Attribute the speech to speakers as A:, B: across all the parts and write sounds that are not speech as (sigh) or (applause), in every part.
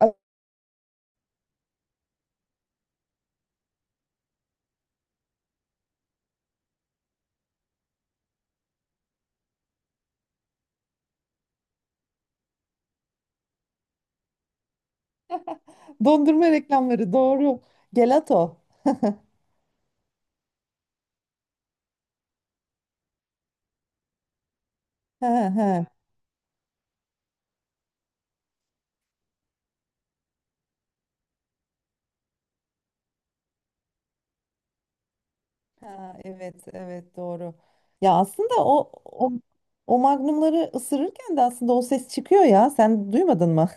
A: (laughs) Dondurma reklamları doğru. Gelato. He he. Ha, evet evet doğru. Ya aslında o magnumları ısırırken de aslında o ses çıkıyor ya. Sen duymadın mı?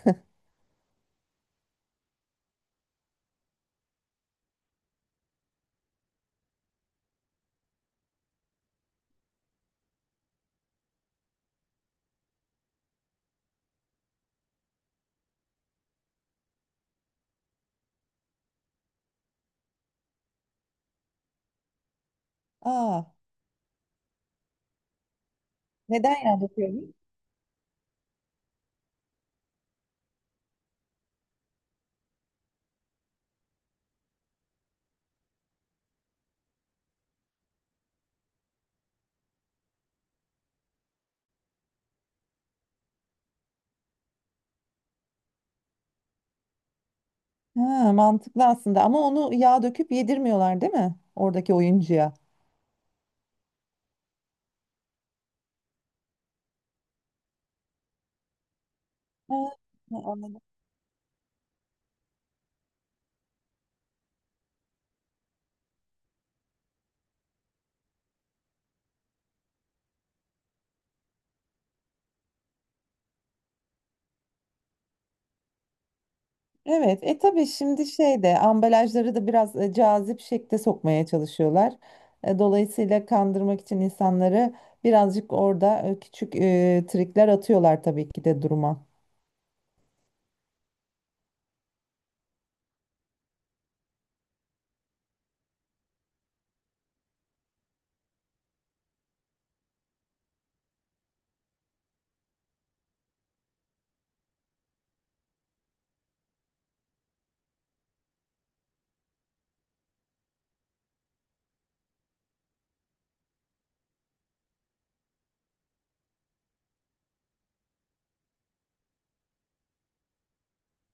A: (laughs) Aa, neden yağ döküyorsun? Ha, mantıklı aslında ama onu yağ döküp yedirmiyorlar değil mi? Oradaki oyuncuya. Ha, ha, anladım. Evet, tabii şimdi şeyde ambalajları da biraz cazip şekle sokmaya çalışıyorlar. E, dolayısıyla kandırmak için insanları birazcık orada küçük trikler atıyorlar tabii ki de duruma.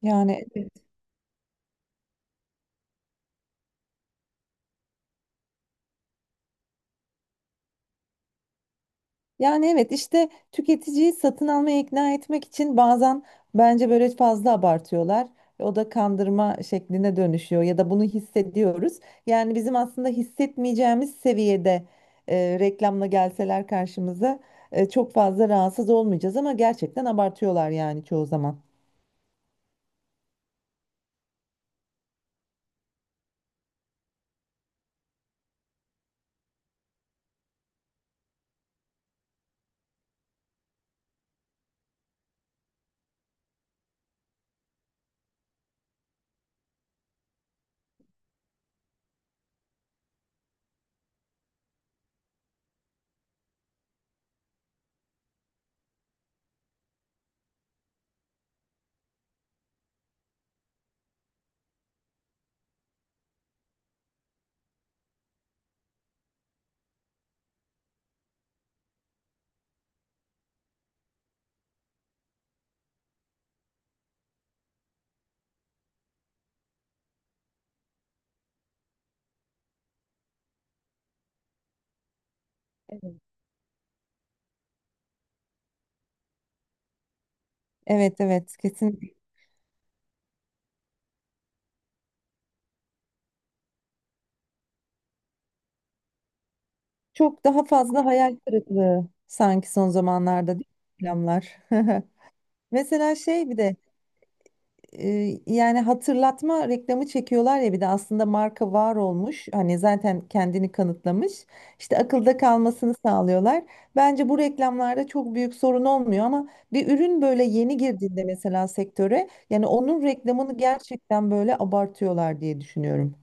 A: Yani Yani evet işte tüketiciyi satın almaya ikna etmek için bazen bence böyle fazla abartıyorlar. O da kandırma şekline dönüşüyor ya da bunu hissediyoruz. Yani bizim aslında hissetmeyeceğimiz seviyede reklamla gelseler karşımıza çok fazla rahatsız olmayacağız ama gerçekten abartıyorlar yani çoğu zaman. Evet evet kesinlikle. Çok daha fazla hayal kırıklığı sanki son zamanlarda değil mi reklamlar. (laughs) Mesela şey bir de e, yani hatırlatma reklamı çekiyorlar ya bir de aslında marka var olmuş. Hani zaten kendini kanıtlamış. İşte akılda kalmasını sağlıyorlar. Bence bu reklamlarda çok büyük sorun olmuyor ama bir ürün böyle yeni girdiğinde mesela sektöre yani onun reklamını gerçekten böyle abartıyorlar diye düşünüyorum.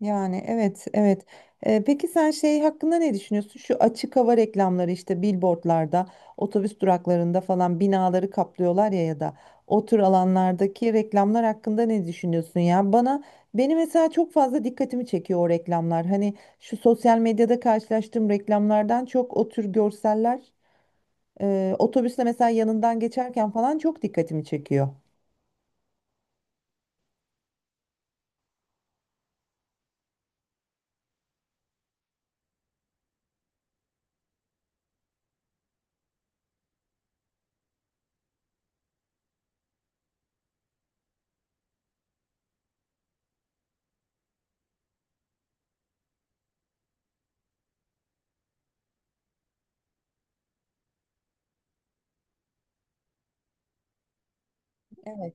A: Yani evet evet. Peki sen şey hakkında ne düşünüyorsun? Şu açık hava reklamları işte billboardlarda, otobüs duraklarında falan binaları kaplıyorlar ya ya da o tür alanlardaki reklamlar hakkında ne düşünüyorsun ya? Beni mesela çok fazla dikkatimi çekiyor o reklamlar. Hani şu sosyal medyada karşılaştığım reklamlardan çok o tür görseller otobüsle mesela yanından geçerken falan çok dikkatimi çekiyor. Evet.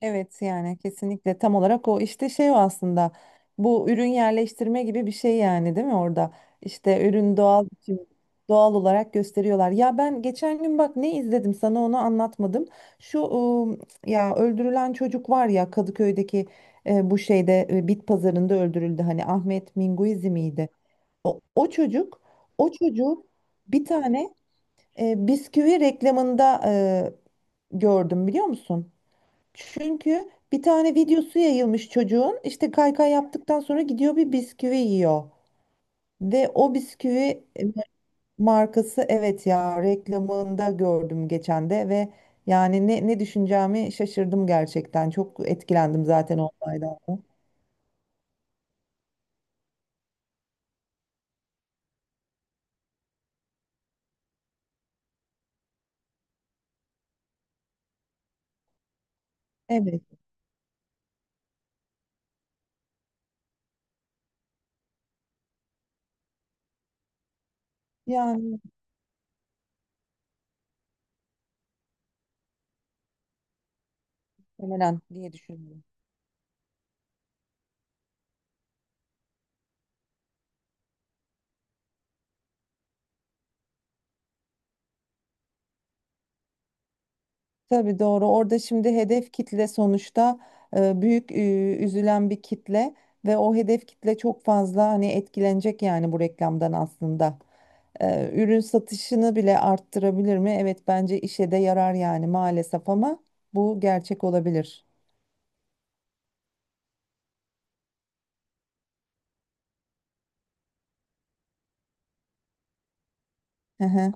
A: Evet yani kesinlikle tam olarak o işte şey o aslında bu ürün yerleştirme gibi bir şey yani değil mi orada işte ürün doğal biçim doğal olarak gösteriyorlar ya, ben geçen gün bak ne izledim sana onu anlatmadım şu ya öldürülen çocuk var ya Kadıköy'deki bu şeyde bit pazarında öldürüldü hani Ahmet Minguizi miydi o çocuk, o çocuğu bir tane bisküvi reklamında gördüm biliyor musun? Çünkü bir tane videosu yayılmış çocuğun, işte kaykay yaptıktan sonra gidiyor bir bisküvi yiyor. Ve o bisküvi markası, evet ya, reklamında gördüm geçen de. Ve yani ne düşüneceğimi şaşırdım gerçekten. Çok etkilendim zaten o olaydan. Evet yani muhtemelen diye düşünüyorum. Tabii doğru. Orada şimdi hedef kitle sonuçta büyük üzülen bir kitle ve o hedef kitle çok fazla hani etkilenecek yani bu reklamdan aslında. E, ürün satışını bile arttırabilir mi? Evet bence işe de yarar yani maalesef, ama bu gerçek olabilir. Hı hı.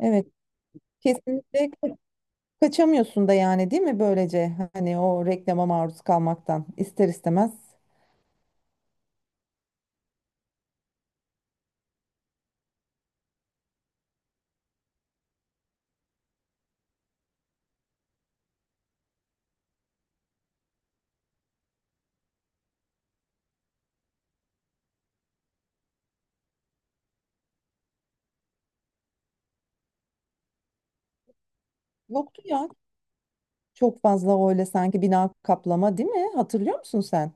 A: Evet kesinlikle kaçamıyorsun da yani değil mi, böylece hani o reklama maruz kalmaktan ister istemez. Yoktu ya. Çok fazla öyle sanki bina kaplama değil mi? Hatırlıyor musun sen?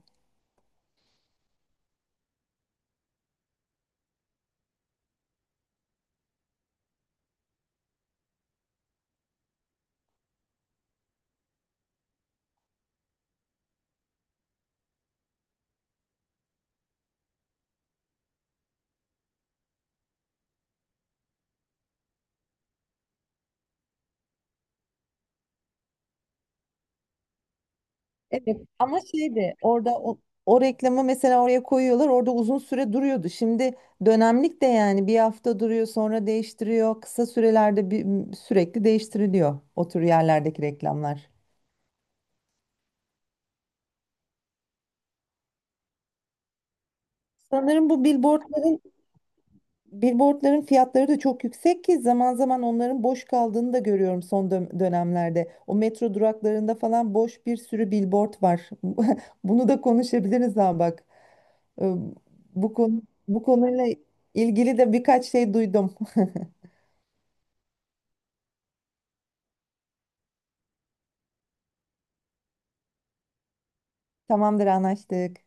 A: Evet ama şeydi orada o reklamı mesela oraya koyuyorlar, orada uzun süre duruyordu. Şimdi dönemlik de, yani bir hafta duruyor sonra değiştiriyor. Kısa sürelerde bir, sürekli değiştiriliyor o tür yerlerdeki reklamlar. Sanırım bu billboardların fiyatları da çok yüksek ki zaman zaman onların boş kaldığını da görüyorum son dönemlerde. O metro duraklarında falan boş bir sürü billboard var. (laughs) Bunu da konuşabiliriz ha bak. Ee, Bu konu, bu konuyla ilgili de birkaç şey duydum. (laughs) Tamamdır, anlaştık.